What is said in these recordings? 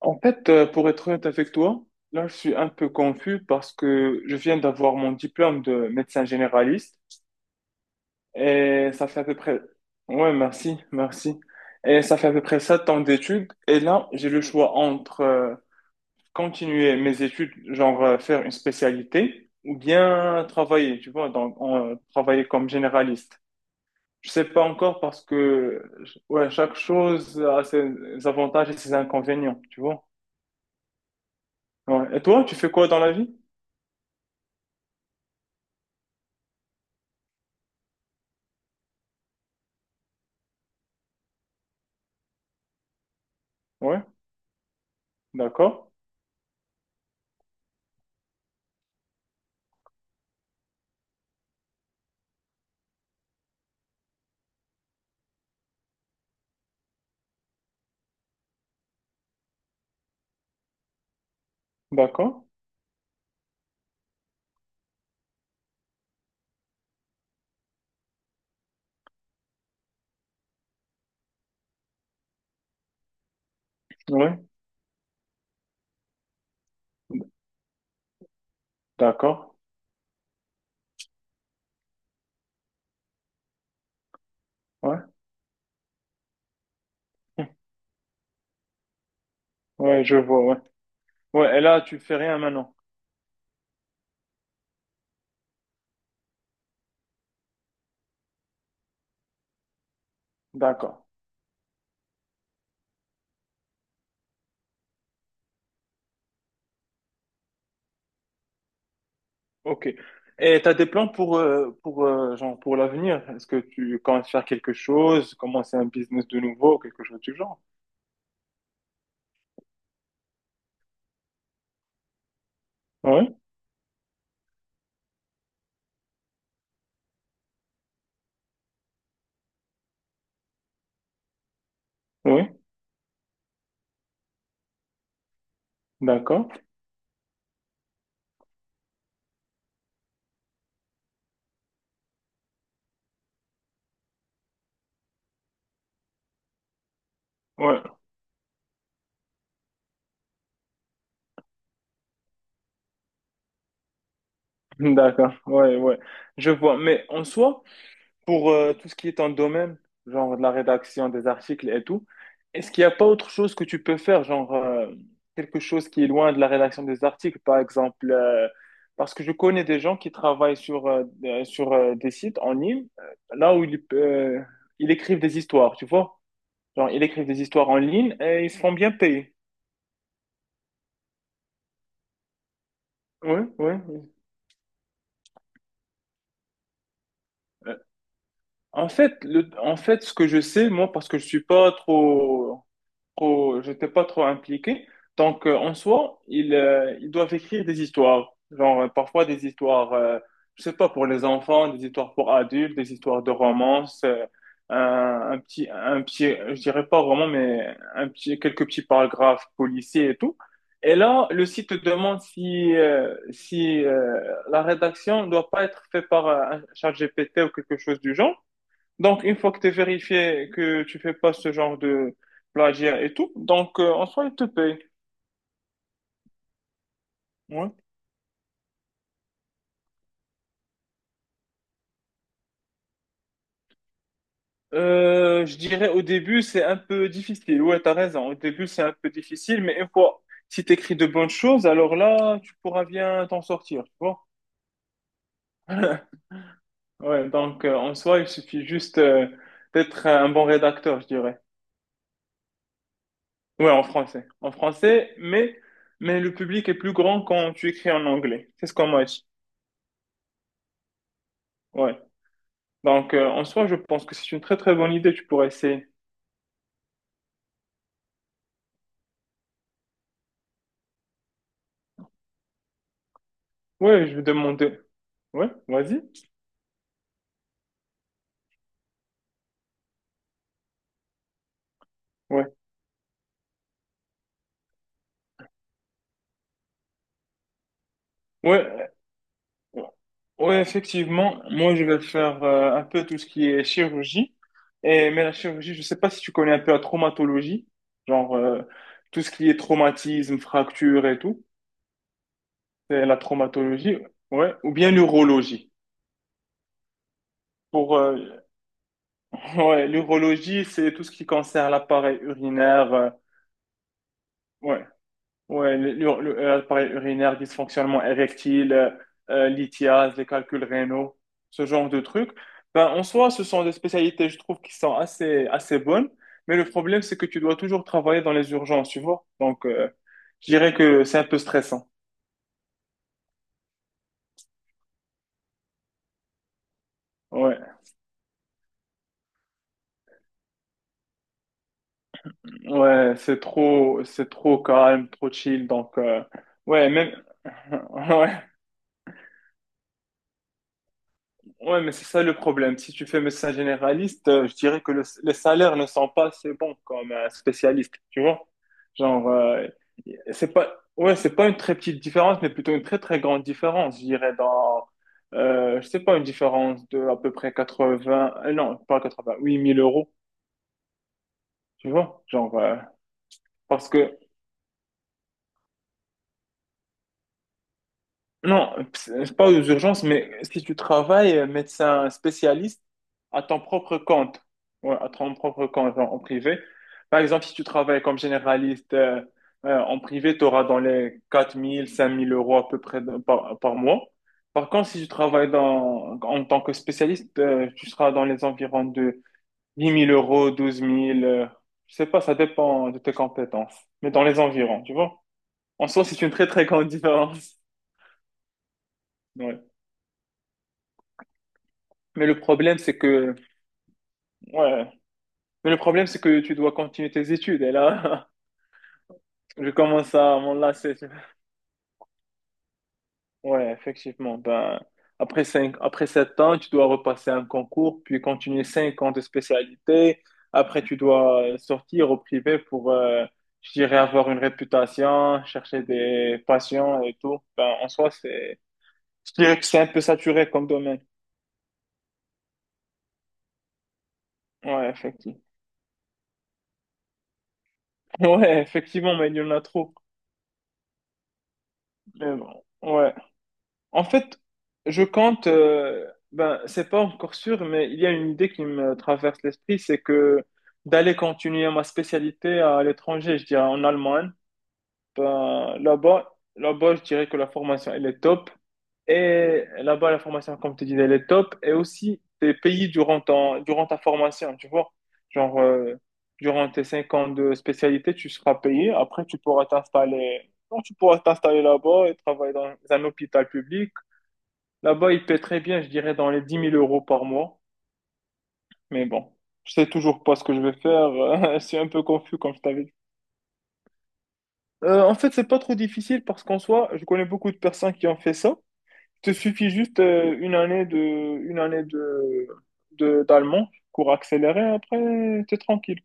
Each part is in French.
En fait, pour être honnête avec toi, là, je suis un peu confus parce que je viens d'avoir mon diplôme de médecin généraliste et ça fait à peu près... Ouais, merci, merci. Et ça fait à peu près 7 ans d'études et là, j'ai le choix entre continuer mes études, genre faire une spécialité ou bien travailler, tu vois, donc travailler comme généraliste. Je sais pas encore parce que, ouais, chaque chose a ses avantages et ses inconvénients, tu vois. Ouais. Et toi, tu fais quoi dans la vie? Ouais, d'accord, d'accord, ouais, d'accord, ouais, ouais, je vois, ouais. Ouais, et là, tu fais rien maintenant. D'accord, ok. Et t'as des plans pour, genre, pour l'avenir? Est-ce que tu comptes faire quelque chose, commencer un business de nouveau, quelque chose du genre? Ouais, ouais, d'accord, ouais, d'accord, ouais, ouais, je vois. Mais en soi, pour tout ce qui est en domaine, genre de la rédaction des articles et tout, est-ce qu'il n'y a pas autre chose que tu peux faire, genre quelque chose qui est loin de la rédaction des articles, par exemple, parce que je connais des gens qui travaillent sur des sites en ligne, là où ils écrivent des histoires, tu vois? Genre, ils écrivent des histoires en ligne et ils se font bien payer. Oui, oui. Euh, en fait, ce que je sais, moi, parce que je suis pas trop trop, j'étais pas trop impliqué. Donc, en soi, ils doivent écrire des histoires. Genre, parfois des histoires, je sais pas, pour les enfants, des histoires pour adultes, des histoires de romance, un petit, je dirais pas roman, mais quelques petits paragraphes policiers et tout. Et là, le site te demande si la rédaction ne doit pas être faite par un chat GPT ou quelque chose du genre. Donc, une fois que tu es vérifié que tu fais pas ce genre de plagiat et tout, donc en soi, il te paye. Ouais. Je dirais au début, c'est un peu difficile. Ouais, t'as raison. Au début, c'est un peu difficile, mais une fois, si t'écris de bonnes choses, alors là, tu pourras bien t'en sortir, tu vois. Ouais, donc en soi, il suffit juste d'être un bon rédacteur, je dirais. Ouais, en français. En français, mais le public est plus grand quand tu écris en anglais. C'est ce qu'on m'a dit. Ouais. Donc, en soi, je pense que c'est une très très bonne idée. Tu pourrais essayer. Ouais, je vais demander. Ouais, vas-y. Ouais, ouais, euh, ouais, effectivement. Moi, je vais faire un peu tout ce qui est chirurgie. Et, mais la chirurgie, je sais pas si tu connais un peu la traumatologie, genre tout ce qui est traumatisme, fracture et tout. C'est la traumatologie, ouais, ou bien l'urologie. Pour Ouais, l'urologie, c'est tout ce qui concerne l'appareil urinaire. Ouais. Ouais, l'appareil urinaire, dysfonctionnement érectile, lithiase, les calculs rénaux, ce genre de trucs. Ben, en soi, ce sont des spécialités, je trouve, qui sont assez, assez bonnes. Mais le problème, c'est que tu dois toujours travailler dans les urgences, tu vois. Donc, je dirais que c'est un peu stressant. Ouais, ouais, c'est trop calme, trop chill. Donc, ouais, même, ouais, ouais, mais c'est ça le problème. Si tu fais médecin généraliste, je dirais que les salaires ne sont pas assez bons comme un spécialiste, tu vois? Genre, c'est pas, ouais, c'est pas une très petite différence, mais plutôt une très très grande différence, je dirais je sais pas, une différence de à peu près 80, non, pas 80, 1 000 euros, tu vois? Genre, parce que non, c'est pas aux urgences, mais si tu travailles médecin spécialiste à ton propre compte, ouais, à ton propre compte en privé. Par exemple, si tu travailles comme généraliste en privé, tu auras dans les 4 000, 5 000 euros à peu près par mois. Par contre, si tu travailles en tant que spécialiste, tu seras dans les environs de 10 mille euros, douze mille, je sais pas, ça dépend de tes compétences, mais dans les environs, tu vois. En soi, c'est une très, très grande différence. Ouais. Mais le problème, c'est que, Ouais. Mais le problème, c'est que tu dois continuer tes études. Et là, je commence à m'enlacer, tu vois. Ouais, effectivement. Ben, après cinq, après 7 ans, tu dois repasser un concours, puis continuer 5 ans de spécialité. Après, tu dois sortir au privé pour, je dirais, avoir une réputation, chercher des patients et tout. Ben, en soi, je dirais que c'est un peu saturé comme domaine. Ouais, effectivement. Ouais, effectivement, mais il y en a trop. Mais bon, ouais. En fait, je compte, ben, c'est pas encore sûr, mais il y a une idée qui me traverse l'esprit, c'est que d'aller continuer ma spécialité à l'étranger, je dirais en Allemagne. Ben, là-bas, je dirais que la formation, elle est top. Et là-bas, la formation, comme tu disais, elle est top. Et aussi, tes pays durant ta formation, tu vois. Genre, durant tes 5 ans de spécialité, tu seras payé. Après, tu pourras t'installer là-bas et travailler dans un hôpital public. Là-bas, il paie très bien, je dirais, dans les 10 000 euros par mois. Mais bon, je sais toujours pas ce que je vais faire. C'est un peu confus, comme je t'avais dit. En fait, c'est pas trop difficile parce qu'en soi, je connais beaucoup de personnes qui ont fait ça. Il te suffit juste une année d'allemand, cours accéléré, après, t'es tranquille.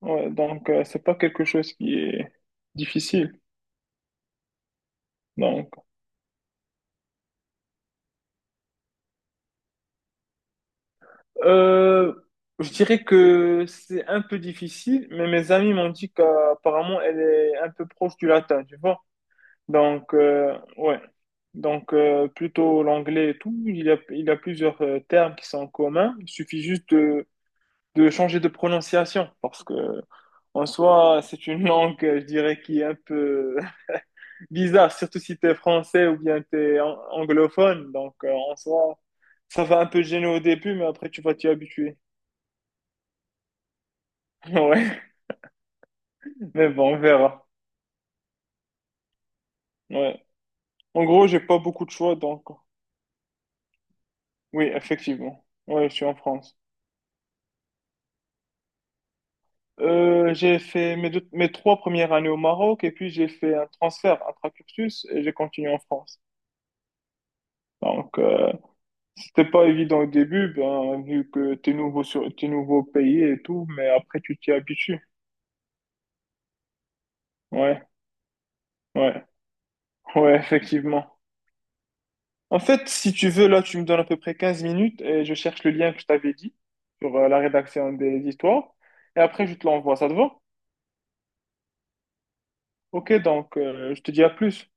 Ouais, donc, c'est pas quelque chose qui est difficile. Donc, Euh, je dirais que c'est un peu difficile, mais mes amis m'ont dit qu'apparemment elle est un peu proche du latin, tu vois. Donc, ouais. Donc, plutôt l'anglais et tout, il y a plusieurs termes qui sont communs. Il suffit juste de changer de prononciation parce que, en soi, c'est une langue, je dirais, qui est un peu bizarre, surtout si tu es français ou bien tu es anglophone. Donc, en soi, ça va un peu gêner au début, mais après, tu vas t'y habituer. Ouais. Mais bon, on verra. Ouais. En gros, j'ai pas beaucoup de choix, donc oui, effectivement. Ouais, je suis en France. J'ai fait mes trois premières années au Maroc et puis j'ai fait un transfert intra-cursus et j'ai continué en France. Donc, c'était pas évident au début, ben, vu que t'es t'es nouveau au pays et tout, mais après tu t'y habitues. Ouais, ouais, ouais, effectivement. En fait, si tu veux, là, tu me donnes à peu près 15 minutes et je cherche le lien que je t'avais dit sur la rédaction des histoires et après je te l'envoie, ça te va? Ok, donc je te dis à plus.